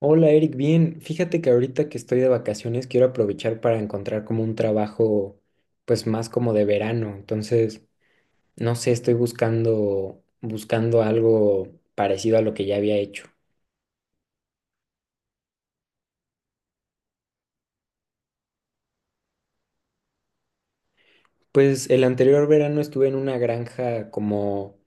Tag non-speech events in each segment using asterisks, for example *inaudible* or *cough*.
Hola Eric, bien. Fíjate que ahorita que estoy de vacaciones quiero aprovechar para encontrar como un trabajo pues más como de verano. Entonces, no sé, estoy buscando algo parecido a lo que ya había hecho. Pues el anterior verano estuve en una granja como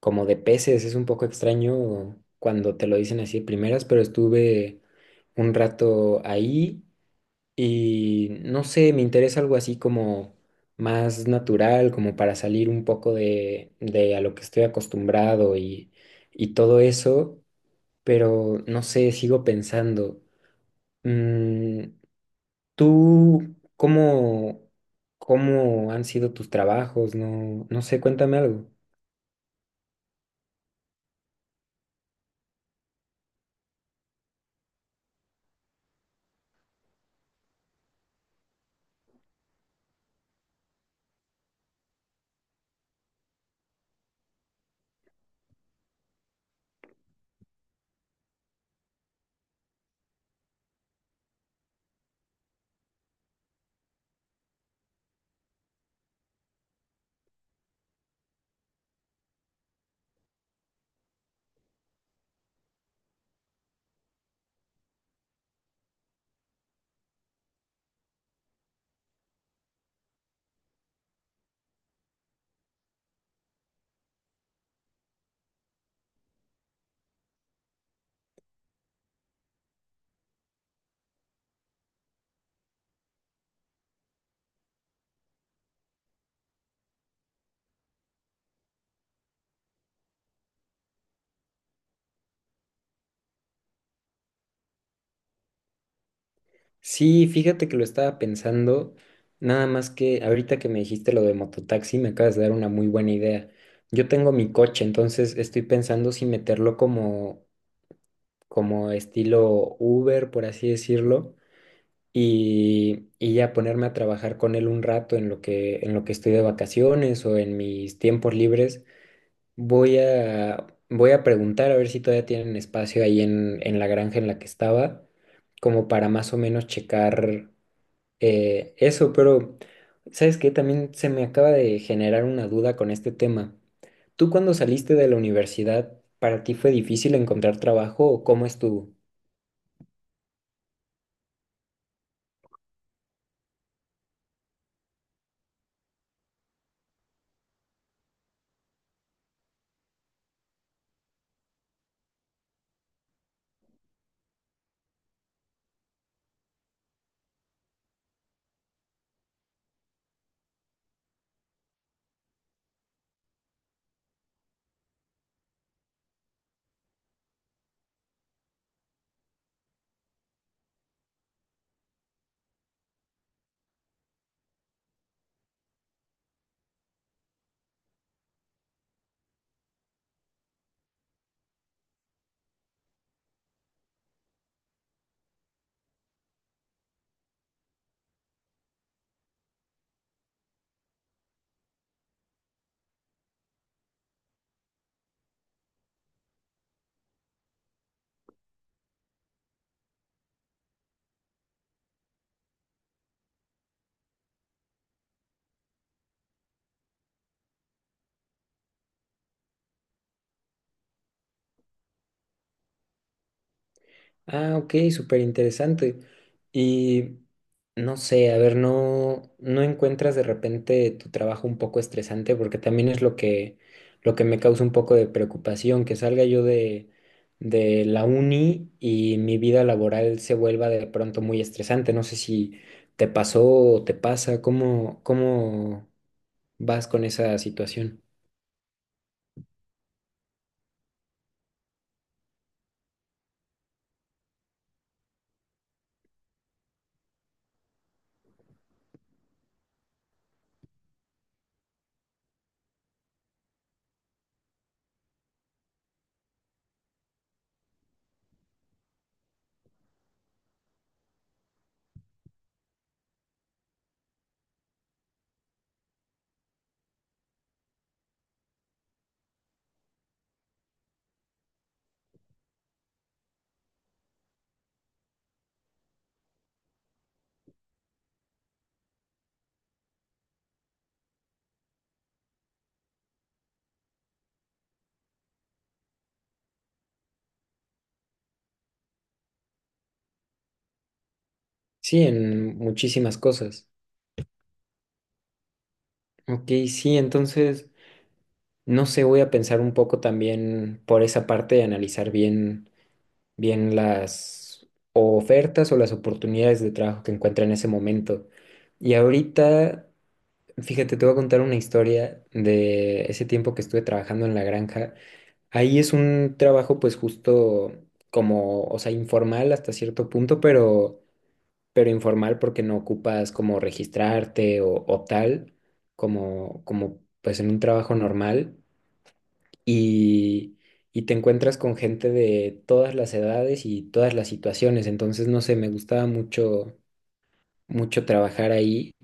como de peces, es un poco extraño cuando te lo dicen así de primeras, pero estuve un rato ahí. Y no sé, me interesa algo así como más natural, como para salir un poco de a lo que estoy acostumbrado, y todo eso, pero no sé, sigo pensando. Mm, ¿tú cómo han sido tus trabajos? No, no sé, cuéntame algo. Sí, fíjate que lo estaba pensando, nada más que ahorita que me dijiste lo de mototaxi, me acabas de dar una muy buena idea. Yo tengo mi coche, entonces estoy pensando si como estilo Uber, por así decirlo, y ya ponerme a trabajar con él un rato en lo que estoy de vacaciones o en mis tiempos libres. Voy a preguntar a ver si todavía tienen espacio en la granja en la que estaba, como para más o menos checar. Eso, pero ¿sabes qué? También se me acaba de generar una duda con este tema. ¿Tú cuando saliste de la universidad, para ti fue difícil encontrar trabajo o cómo estuvo? Ah, ok, súper interesante. Y no sé, a ver, ¿no, no encuentras de repente tu trabajo un poco estresante? Porque también es lo lo que me causa un poco de preocupación, que salga yo de la uni y mi vida laboral se vuelva de pronto muy estresante. No sé si te pasó o te pasa, cómo vas con esa situación? Sí, en muchísimas cosas. Ok, sí, entonces... No sé, voy a pensar un poco también por esa parte de analizar bien las ofertas o las oportunidades de trabajo que encuentra en ese momento. Y ahorita, fíjate, te voy a contar una historia de ese tiempo que estuve trabajando en la granja. Ahí es un trabajo pues justo como, o sea, informal hasta cierto punto, pero informal porque no ocupas como registrarte o tal, como, como pues en un trabajo normal y, y te encuentras con gente de todas las edades y todas las situaciones. Entonces, no sé, me gustaba mucho trabajar ahí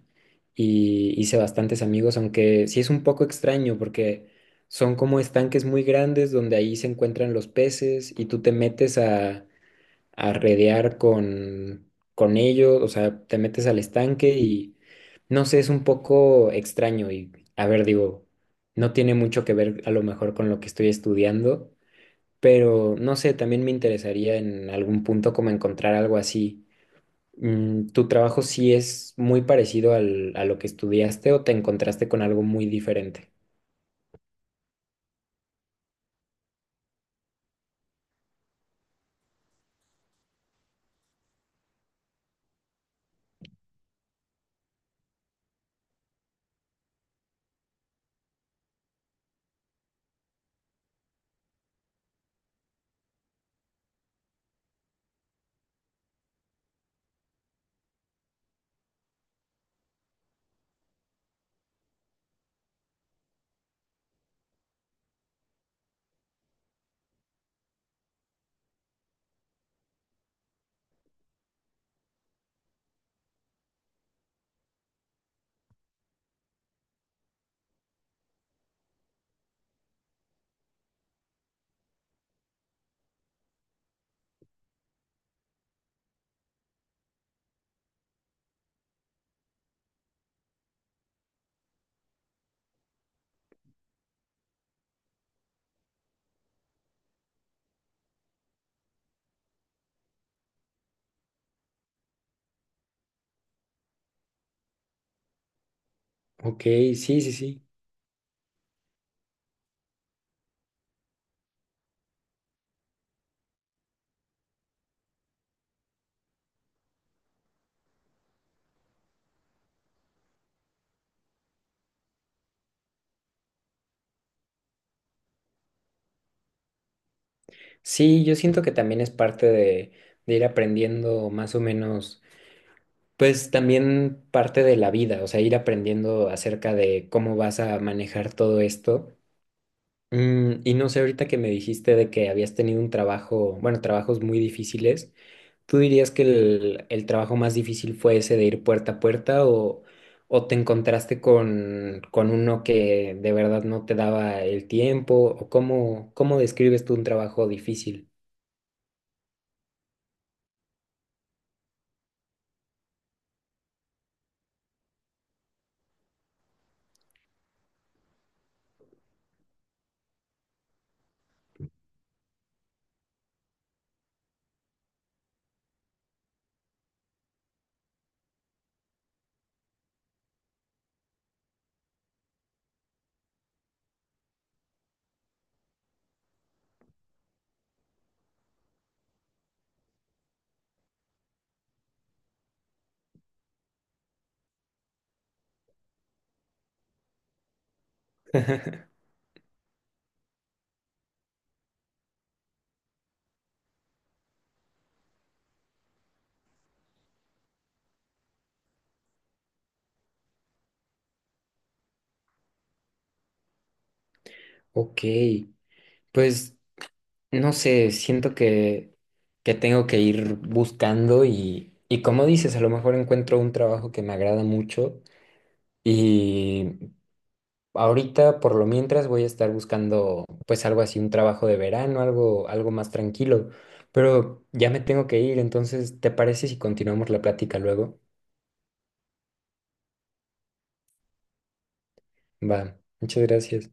y hice bastantes amigos, aunque sí es un poco extraño porque son como estanques muy grandes donde ahí se encuentran los peces y tú te metes a redear con ellos, o sea, te metes al estanque y no sé, es un poco extraño y, a ver, digo, no tiene mucho que ver a lo mejor con lo que estoy estudiando, pero no sé, también me interesaría en algún punto como encontrar algo así. Mm, ¿tu trabajo sí es muy parecido a lo que estudiaste o te encontraste con algo muy diferente? Ok, sí, sí, sí. Sí, yo siento que también es parte de ir aprendiendo más o menos, pues también parte de la vida, o sea, ir aprendiendo acerca de cómo vas a manejar todo esto. Mm, y no sé, ahorita que me dijiste de que habías tenido un trabajo, bueno, trabajos muy difíciles. ¿Tú dirías que el trabajo más difícil fue ese de ir puerta a puerta o te encontraste con uno que de verdad no te daba el tiempo? ¿O cómo describes tú un trabajo difícil? *laughs* Ok, pues no sé, siento que tengo que ir buscando y como dices, a lo mejor encuentro un trabajo que me agrada mucho. Ahorita, por lo mientras, voy a estar buscando pues algo así, un trabajo de verano, algo, algo más tranquilo. Pero ya me tengo que ir, entonces, ¿te parece si continuamos la plática luego? Va, muchas gracias.